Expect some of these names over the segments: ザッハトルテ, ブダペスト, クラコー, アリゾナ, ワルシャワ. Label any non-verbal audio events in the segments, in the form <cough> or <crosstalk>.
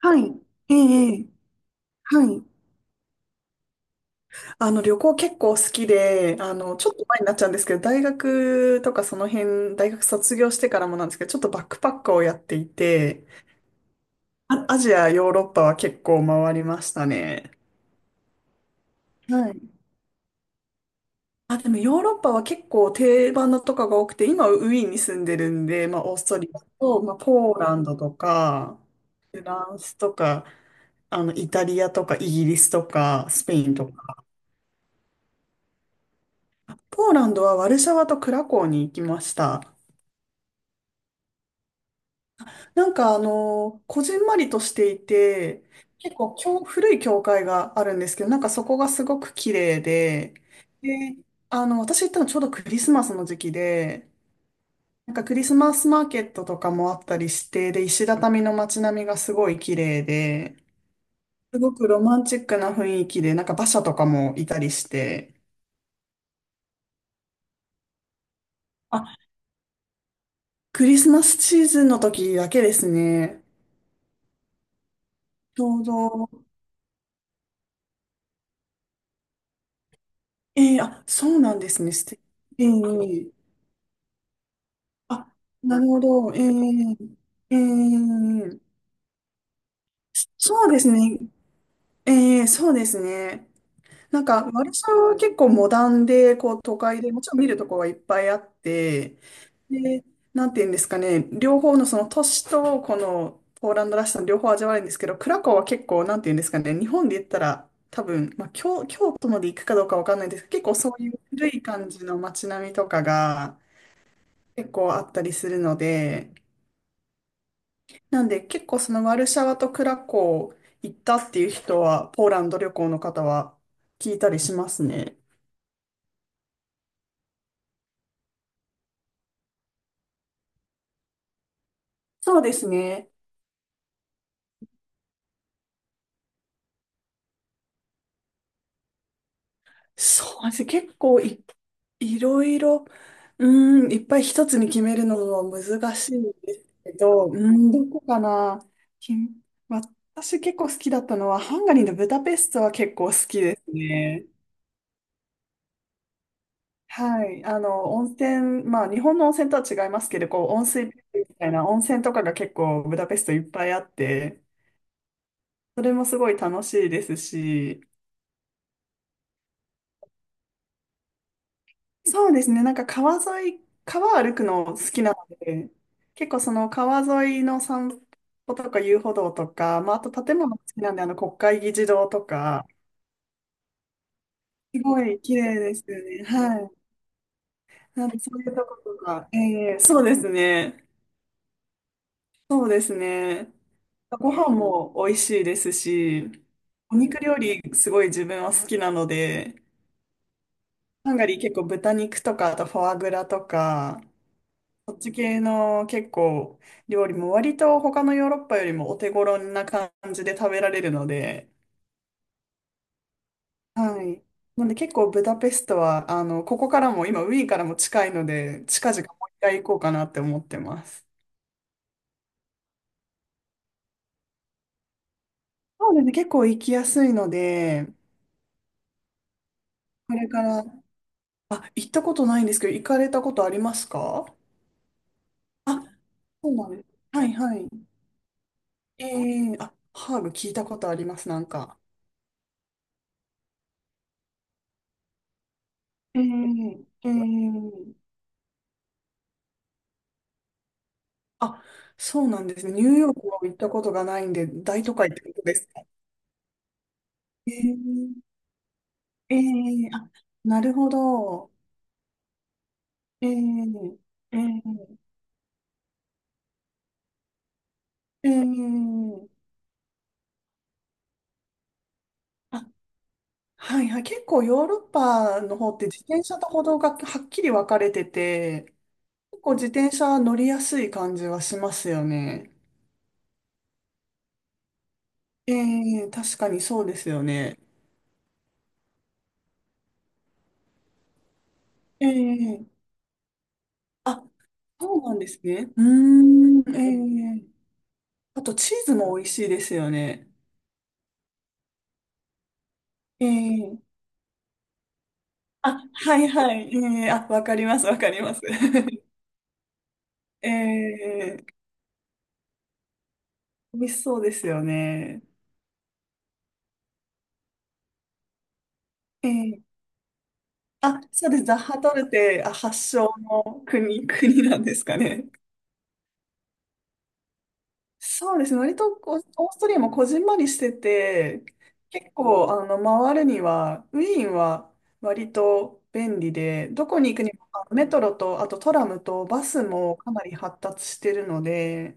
はい。ええ、ええ。はい。旅行結構好きで、ちょっと前になっちゃうんですけど、大学とかその辺、大学卒業してからもなんですけど、ちょっとバックパックをやっていて、あ、アジア、ヨーロッパは結構回りましたね。はい。あ、でもヨーロッパは結構定番のとかが多くて、今ウィーンに住んでるんで、まあ、オーストリアと、まあ、ポーランドとか、フランスとか、イタリアとか、イギリスとか、スペインとか、ポーランドはワルシャワとクラコーに行きました。こじんまりとしていて、結構古い教会があるんですけど、そこがすごく綺麗で、私行ったのちょうどクリスマスの時期で、クリスマスマーケットとかもあったりして、で、石畳の街並みがすごい綺麗で、すごくロマンチックな雰囲気で、馬車とかもいたりして、あ、クリスマスシーズンの時だけですね。ちょうどええ。あ、そうなんですね。素敵。ええ。あ、なるほど。ええ、ええ、そうですね。ええ、そうですね。なんか、ワルシャワは結構モダンで、こう、都会で、もちろん見るとこはいっぱいあって、で、なんていうんですかね、両方のその都市と、このポーランドらしさの両方味わえるんですけど、クラコワは結構、なんていうんですかね、日本で言ったら、多分、まあ、京都まで行くかどうかわかんないんですけど、結構そういう古い感じの街並みとかが、結構あったりするので、なんで結構そのワルシャワとクラコー行ったっていう人は、ポーランド旅行の方は聞いたりしますね。そうですね。そうですね。結構い、いろいろ、うーん、いっぱい一つに決めるのは難しいんですけど、うーん、どこかな。き私結構好きだったのは、ハンガリーのブダペストは結構好きですね。はい、あの温泉、まあ、日本の温泉とは違いますけど、こう温水みたいな温泉とかが結構ブダペストいっぱいあって、それもすごい楽しいですし、そうですね、なんか川沿い、川歩くの好きなので、結構その川沿いの散歩とか遊歩道とか、まあ、あと建物も好きなんで、あの国会議事堂とか、すごい綺麗ですよね。はい。なんでそういうとことか、ええ、そうですね。そうですね。ご飯も美味しいですし、お肉料理すごい自分は好きなので、ハンガリー結構豚肉とか、あとフォアグラとか、そっち系の結構料理も割と他のヨーロッパよりもお手頃な感じで食べられるので、はい。なんで結構ブダペストは、ここからも今ウィーンからも近いので、近々もう一回行こうかなって思ってます。そうですね、結構行きやすいので、これから、あ、行ったことないんですけど、行かれたことありますか？あ、そうなんです。はいはい。ええ。あ、ハーブ聞いたことあります、なんか。ええ、ええ。あ、そうなんですね。ニューヨークは行ったことがないんで、大都会ってことですか。ええ、ええ。あ、なるほど。ええ、ええ、ええ。あ、はいはい。結構ヨーロッパの方って自転車と歩道がはっきり分かれてて、結構自転車乗りやすい感じはしますよね。ええ、確かにそうですよね。ええ。あ、そうなんですね。うーん、ええ。あと、チーズも美味しいですよね。ええ。あ、はいはい。ええ。あ、わかります、わかります。<laughs> ええ。美味しそうですよね。ええ。あ、そうです。ザッハトルテ、あ、発祥の国、<laughs> 国なんですかね。そうですね。割とこう、オーストリアもこじんまりしてて、結構、回るには、ウィーンは割と便利で、どこに行くにも、メトロと、あとトラムとバスもかなり発達してるので、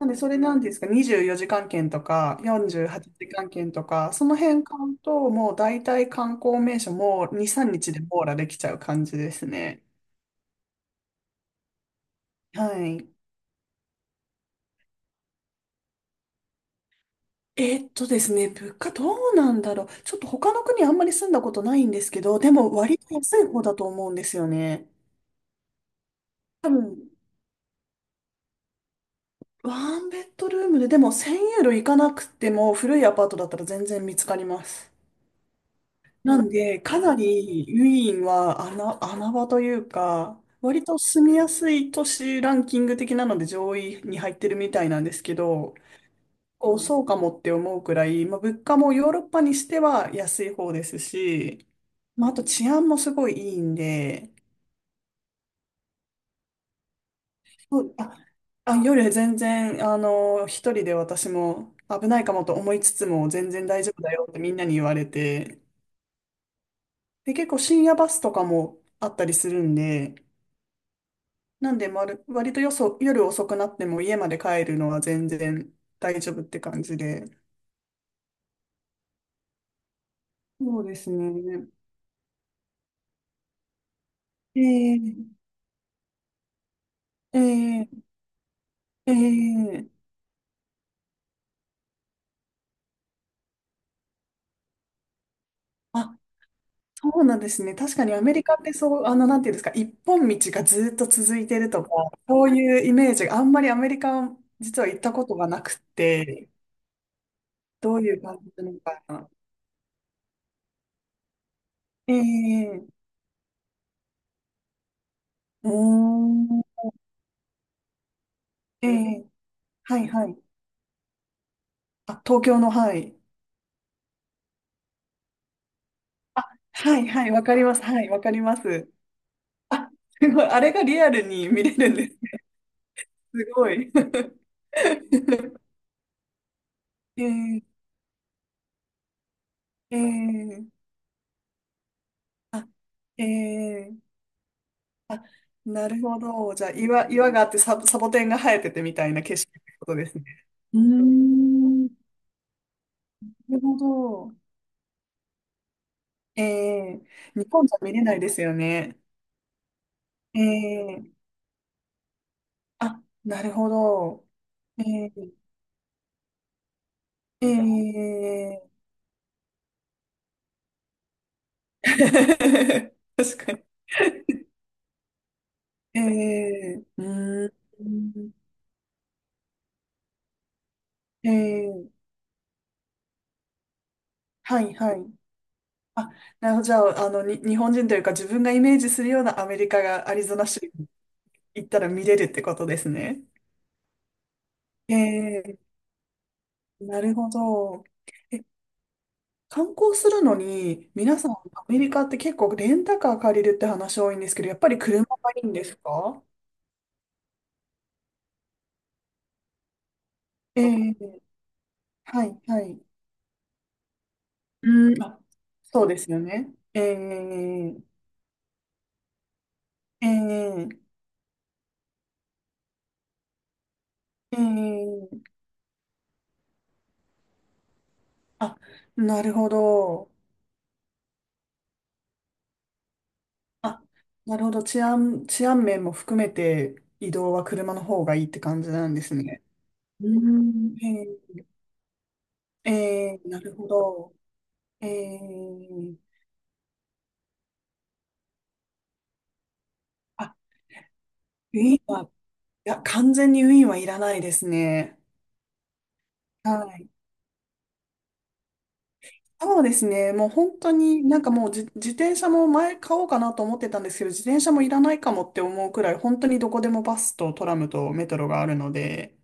なんで、それなんていうんですか、24時間券とか、48時間券とか、その辺買うと、もう大体観光名所も2、3日で網羅できちゃう感じですね。はい。ですね、物価どうなんだろう。ちょっと他の国あんまり住んだことないんですけど、でも割と安い方だと思うんですよね。多分、ワンベッドルームで、でも1000ユーロいかなくても古いアパートだったら全然見つかります。なんで、かなりウィーンは穴場というか、割と住みやすい都市ランキング的なので上位に入ってるみたいなんですけど、こう、そうかもって思うくらい、まあ、物価もヨーロッパにしては安い方ですし、まあ、あと治安もすごいいいんで、そうあ、あ、夜全然、一人で私も危ないかもと思いつつも全然大丈夫だよってみんなに言われて、で、結構深夜バスとかもあったりするんで、なんで、まる、割とよそ、夜遅くなっても家まで帰るのは全然大丈夫って感じで。そうですね。ええ、ええ、ええ。あ、そうなんですね。確かにアメリカってそう、なんていうんですか、一本道がずっと続いてるとか、そういうイメージがあんまりアメリカ、実は行ったことがなくて、どういう感じなのかな。ええ。うーん、ええ、はいはい。あ、東京の、はい。はいはい、わかります。はい、わかります。あ、すごい、あれがリアルに見れるんですね。すごい。<laughs> ええ、ええ。あ、ええ。あ、 <laughs> なるほど。じゃあ、岩があってサボテンが生えててみたいな景色ってことですね。うーん、なるほど。ええ。日本じゃ見れないですよね。ええ。あ、なるほど。ええ、ええ。 <laughs> 確かに。ええ。うーん、ええ、はいはい。あ、なるほど。じゃあ、日本人というか自分がイメージするようなアメリカがアリゾナ州に行ったら見れるってことですね。ええ、なるほど。え、観光するのに、皆さん、アメリカって結構レンタカー借りるって話多いんですけど、やっぱり車がいいんですか？ええ、はい、はい。うん、あ、そうですよね。ええ、ええ、ええ。あ、なるほど。あ、なるほど。治安面も含めて移動は車の方がいいって感じなんですね。うん、ええ、ええ、なるほど。ええ。あ、ウィーンは、いや、完全にウィーンはいらないですね。はい。そうですね。もう本当になんかもう自転車も前買おうかなと思ってたんですけど、自転車もいらないかもって思うくらい、本当にどこでもバスとトラムとメトロがあるので、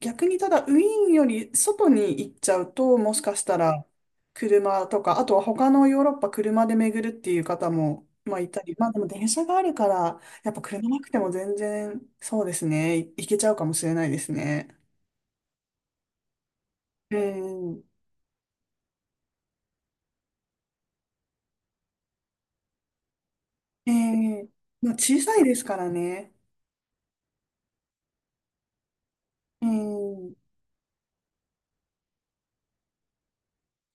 逆にただウィーンより外に行っちゃうと、もしかしたら車とか、あとは他のヨーロッパ車で巡るっていう方も、まあいたり、まあでも電車があるから、やっぱ車なくても全然、そうですね、行けちゃうかもしれないですね。うん、ええ、まあ、小さいですからね。うん、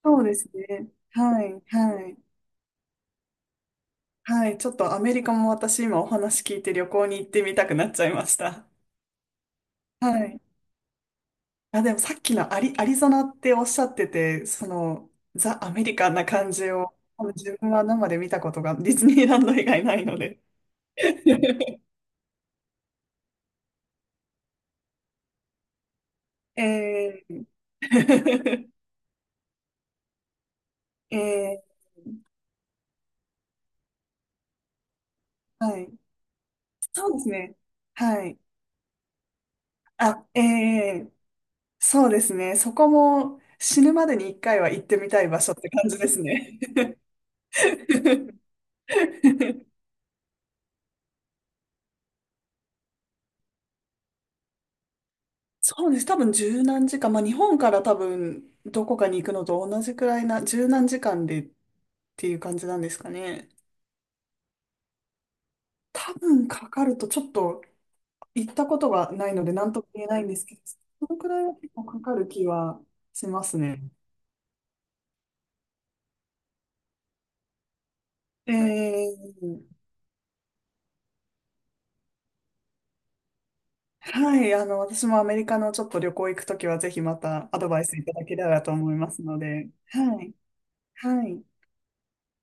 そうですね。はい、はい、はい。ちょっとアメリカも私今お話聞いて旅行に行ってみたくなっちゃいました。はい。あ、でもさっきのアリゾナっておっしゃってて、その、ザ・アメリカンな感じを、多分自分は生で見たことがディズニーランド以外ないので。<laughs> えー、<laughs> えはい。そうですね。はい。あ、ええ、そうですね。そこも死ぬまでに一回は行ってみたい場所って感じですね。<laughs> そうです。多分十何時間。まあ日本から多分どこかに行くのと同じくらいな、十何時間でっていう感じなんですかね。多分かかると、ちょっと行ったことがないので何とも言えないんですけど、そのくらいは結構かかる気はしますね。ええ、はい、私もアメリカのちょっと旅行行くときは、ぜひまたアドバイスいただけたらと思いますので、はい、はい。